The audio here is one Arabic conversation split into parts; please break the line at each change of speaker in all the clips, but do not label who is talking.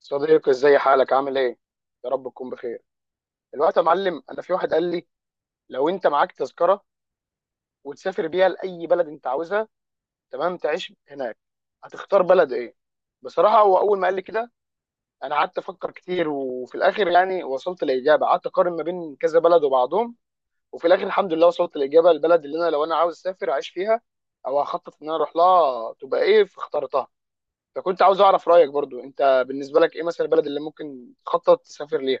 صديقي، ازاي حالك؟ عامل ايه؟ يا رب تكون بخير. الوقت يا معلم، انا في واحد قال لي لو انت معاك تذكره وتسافر بيها لاي بلد انت عاوزها، تمام، تعيش هناك، هتختار بلد ايه؟ بصراحه هو اول ما قال لي كده، انا قعدت افكر كتير، وفي الاخر يعني وصلت لاجابه. قعدت اقارن ما بين كذا بلد وبعضهم، وفي الاخر الحمد لله وصلت لاجابه. البلد اللي انا لو انا عاوز اسافر اعيش فيها او هخطط ان انا اروح لها تبقى ايه، فاخترتها. فكنت عاوز اعرف رايك برضو، انت بالنسبه لك ايه مثلا البلد اللي ممكن تخطط تسافر ليها؟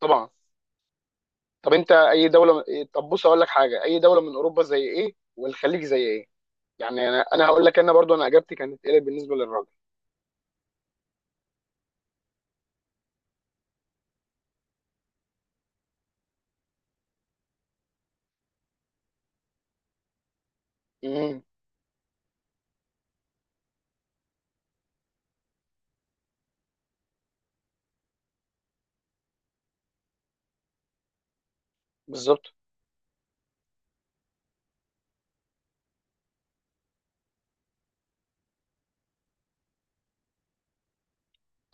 طبعا. طب انت اي دوله؟ طب بص اقول لك حاجه، اي دوله من اوروبا زي ايه، والخليج زي ايه؟ يعني انا هقول لك انا برضو انا اجابتي كانت ايه بالنسبه للراجل. امم. بالظبط.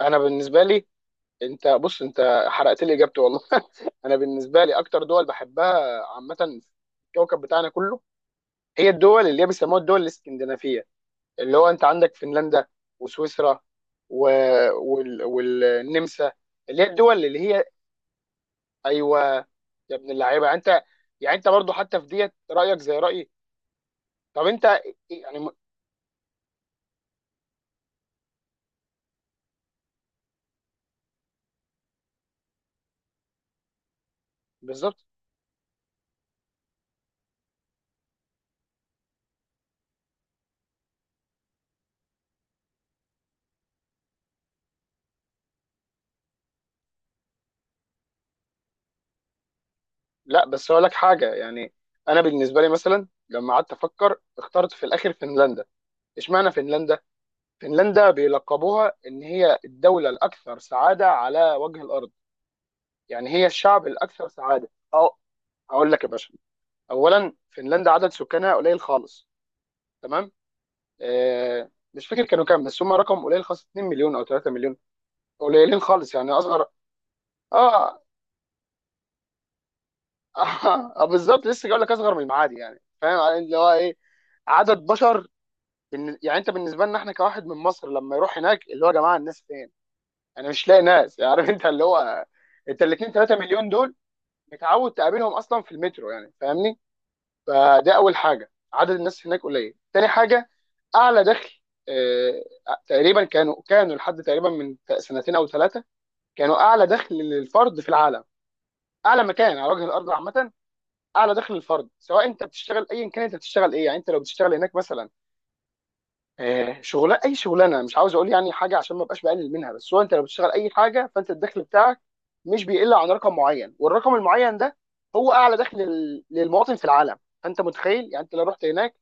انا بالنسبه لي، انت بص، انت حرقت لي اجابتي والله. انا بالنسبه لي اكتر دول بحبها عامه في الكوكب بتاعنا كله هي الدول اللي هي بيسموها الدول الاسكندنافيه، اللي هو انت عندك فنلندا وسويسرا و... والنمسا، اللي هي الدول اللي هي... ايوه. يا ابن اللعيبه، يعني انت، يعني انت برضو حتى في ديت رايك زي رايي. طب انت، يعني م- بالظبط. لا بس اقول لك حاجه، يعني انا بالنسبه لي مثلا لما قعدت افكر اخترت في الاخر فنلندا. اشمعنى فنلندا؟ فنلندا بيلقبوها ان هي الدوله الاكثر سعاده على وجه الارض، يعني هي الشعب الاكثر سعاده. اه، هقول لك يا باشا. اولا فنلندا عدد سكانها قليل خالص، تمام؟ مش فاكر كانوا كام، بس هم رقم قليل خالص، 2 مليون او 3 مليون، قليلين خالص، يعني اصغر. اه. اه، بالظبط، لسه جاي لك، اصغر من المعادي، يعني فاهم يعني، اللي هو ايه، عدد بشر. يعني انت بالنسبه لنا احنا كواحد من مصر لما يروح هناك، اللي هو يا جماعه الناس فين؟ انا مش لاقي ناس، يعني عارف انت اللي هو، انت الاثنين 3 مليون دول متعود تقابلهم اصلا في المترو، يعني فاهمني؟ فده اول حاجه، عدد الناس هناك قليل. تاني حاجه، اعلى دخل. آه، تقريبا كانوا لحد تقريبا من سنتين او ثلاثه كانوا اعلى دخل للفرد في العالم، اعلى مكان على وجه الارض عامه. اعلى دخل الفرد، سواء انت بتشتغل، ايا كان انت بتشتغل ايه، يعني انت لو بتشتغل هناك مثلا شغلانه، اي شغلانه، مش عاوز اقول يعني حاجه عشان ما ابقاش بقلل منها، بس هو انت لو بتشتغل اي حاجه فانت الدخل بتاعك مش بيقل عن رقم معين، والرقم المعين ده هو اعلى دخل للمواطن في العالم. فانت متخيل، يعني انت لو رحت هناك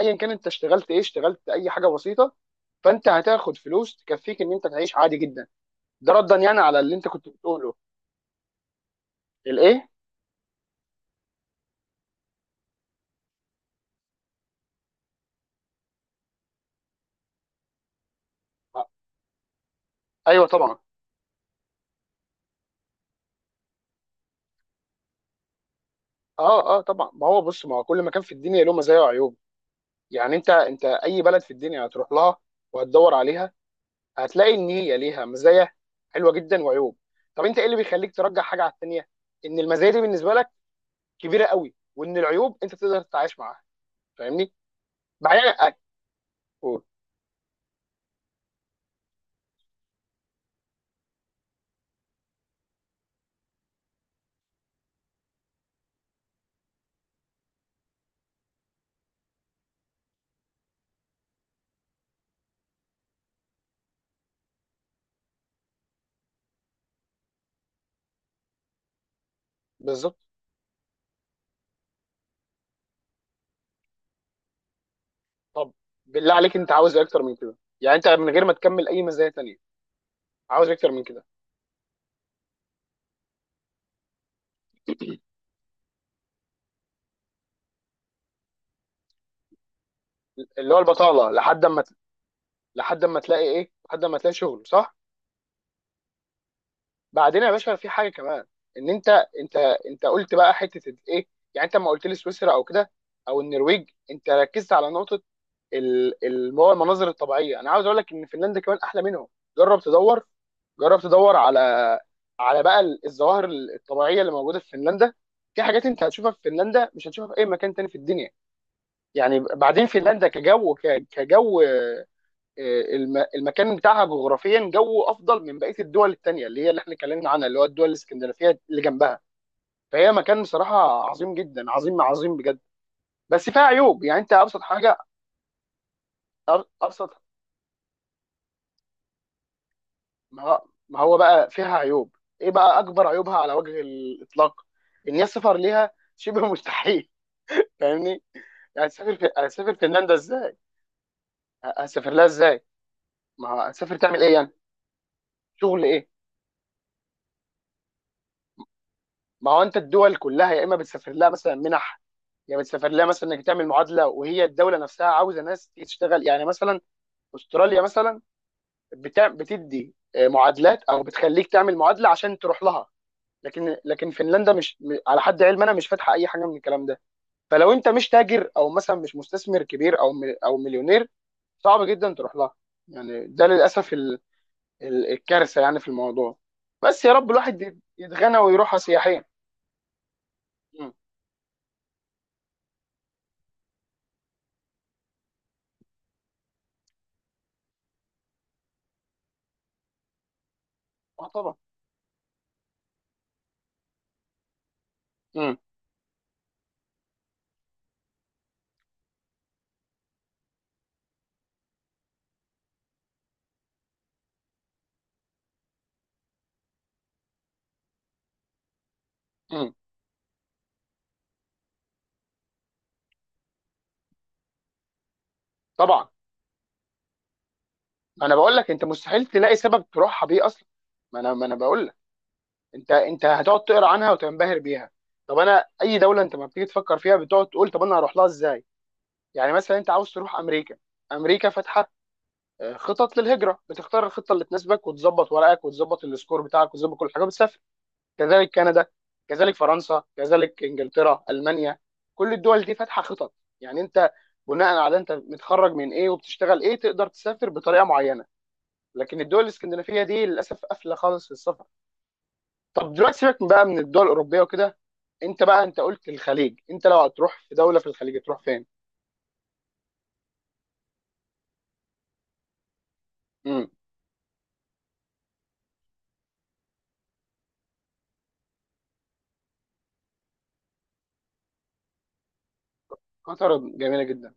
ايا كان انت اشتغلت ايه، اشتغلت اي حاجه بسيطه، فانت هتاخد فلوس تكفيك ان انت تعيش عادي جدا. ده ردا يعني على اللي انت كنت بتقوله. الايه؟ ايوه طبعا. اه اه طبعا، ما هو بص، ما هو كل مكان في الدنيا له مزايا وعيوب. يعني انت اي بلد في الدنيا هتروح لها وهتدور عليها، هتلاقي ان هي ليها مزايا حلوه جدا وعيوب. طب انت ايه اللي بيخليك ترجح حاجه على الثانيه؟ ان المزايا دي بالنسبه لك كبيره قوي، وان العيوب انت تقدر تتعايش معاها. فاهمني؟ بعدين، قول. بالظبط. طب، بالله عليك، انت عاوز ايه اكتر من كده؟ يعني انت من غير ما تكمل اي مزايا تانية، عاوز إيه اكتر من كده؟ اللي هو البطاله لحد اما، لحد اما تلاقي ايه، لحد اما تلاقي شغل، صح. بعدين يا باشا في حاجه كمان، ان انت، انت، انت قلت بقى حته ايه، يعني انت لما قلت لي سويسرا او كده او النرويج انت ركزت على نقطه، هو المناظر الطبيعيه، انا عاوز اقول لك ان فنلندا كمان احلى منهم. جرب تدور، جرب تدور على، على بقى الظواهر الطبيعيه اللي موجوده في فنلندا. في حاجات انت هتشوفها في فنلندا مش هتشوفها في اي مكان تاني في الدنيا. يعني بعدين فنلندا كجو، كجو المكان بتاعها جغرافيا جوه افضل من بقيه الدول الثانيه اللي هي اللي احنا اتكلمنا عنها، اللي هو الدول الاسكندنافيه اللي جنبها. فهي مكان بصراحه عظيم جدا، عظيم عظيم بجد. بس فيها عيوب، يعني انت ابسط حاجه، ابسط، ما هو بقى فيها عيوب ايه؟ بقى اكبر عيوبها على وجه الاطلاق ان هي السفر ليها شبه مستحيل. فاهمني؟ يعني هتسافر في... هتسافر فنلندا ازاي؟ هتسافر لها ازاي؟ ما هو هتسافر تعمل ايه يعني؟ شغل ايه؟ ما هو انت الدول كلها يا اما بتسافر لها مثلا منح، يعني بتسافر لها مثلا انك تعمل معادله، وهي الدوله نفسها عاوزه ناس تشتغل، يعني مثلا استراليا مثلا بتع... بتدي معادلات او بتخليك تعمل معادله عشان تروح لها. لكن فنلندا مش على حد علم انا مش فاتحه اي حاجه من الكلام ده، فلو انت مش تاجر او مثلا مش مستثمر كبير او مل... او مليونير، صعب جدا تروح لها. يعني ده للاسف ال... ال... الكارثه يعني في الموضوع. بس يا رب الواحد يتغنى ويروحها سياحيا. امم. آه طبعا. امم. امم. طبعا. ما انا بقول لك، انت مستحيل تلاقي سبب تروحها بيه اصلا. ما انا بقول لك، انت انت هتقعد تقرا عنها وتنبهر بيها. طب انا اي دوله انت ما بتيجي تفكر فيها بتقعد تقول طب انا هروح لها ازاي؟ يعني مثلا انت عاوز تروح امريكا، امريكا فاتحه خطط للهجره، بتختار الخطه اللي تناسبك وتظبط ورقك وتظبط السكور بتاعك وتظبط كل حاجه بتسافر. كذلك كندا، كذلك فرنسا، كذلك انجلترا، المانيا، كل الدول دي فاتحه خطط. يعني انت بناء على انت متخرج من ايه وبتشتغل ايه تقدر تسافر بطريقه معينه. لكن الدول الاسكندنافيه دي للاسف قافله خالص للسفر. طب دلوقتي سيبك من بقى من الدول الاوروبيه وكده، انت بقى انت قلت الخليج، انت لو هتروح في دوله في الخليج هتروح فين؟ امم. قطر جميله جدا.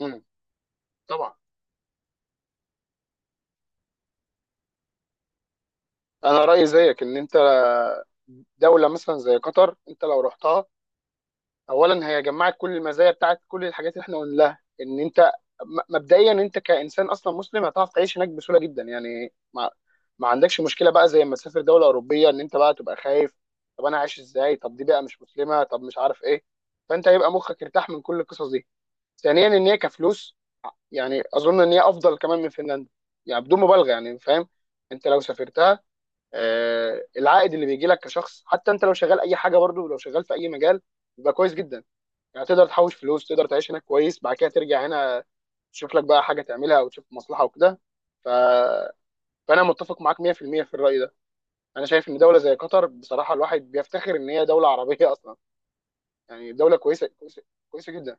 امم. طبعا. انا رايي زيك، ان انت دوله مثلا زي قطر انت لو رحتها، اولا هي جمعت كل المزايا بتاعت كل الحاجات اللي احنا قلناها. ان انت مبدئيا انت كانسان اصلا مسلم هتعرف تعيش هناك بسهوله جدا، يعني ما, ما عندكش مشكله بقى زي ما تسافر دوله اوروبيه ان انت بقى تبقى خايف، طب انا عايش ازاي، طب دي بقى مش مسلمه، طب مش عارف ايه. فانت هيبقى مخك ارتاح من كل القصص دي. ثانيا ان هي كفلوس، يعني اظن ان هي افضل كمان من فنلندا، يعني بدون مبالغه يعني، فاهم؟ انت لو سافرتها، آه العائد اللي بيجي لك كشخص، حتى انت لو شغال اي حاجه، برضه لو شغال في اي مجال، يبقى كويس جدا. يعني تقدر تحوش فلوس، تقدر تعيش هناك كويس، بعد كده ترجع هنا، تشوف لك بقى حاجه تعملها او تشوف مصلحه وكده. ف... فانا متفق معاك 100% في المية في الراي ده. انا شايف ان دوله زي قطر بصراحه الواحد بيفتخر ان هي دوله عربيه اصلا. يعني دوله كويسه كويسه جدا.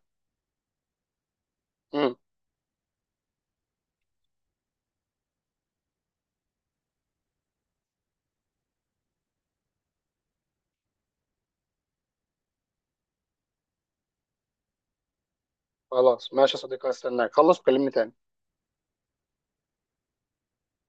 امم. خلاص، ماشي يا صديقي، استناك خلص وكلمني تاني.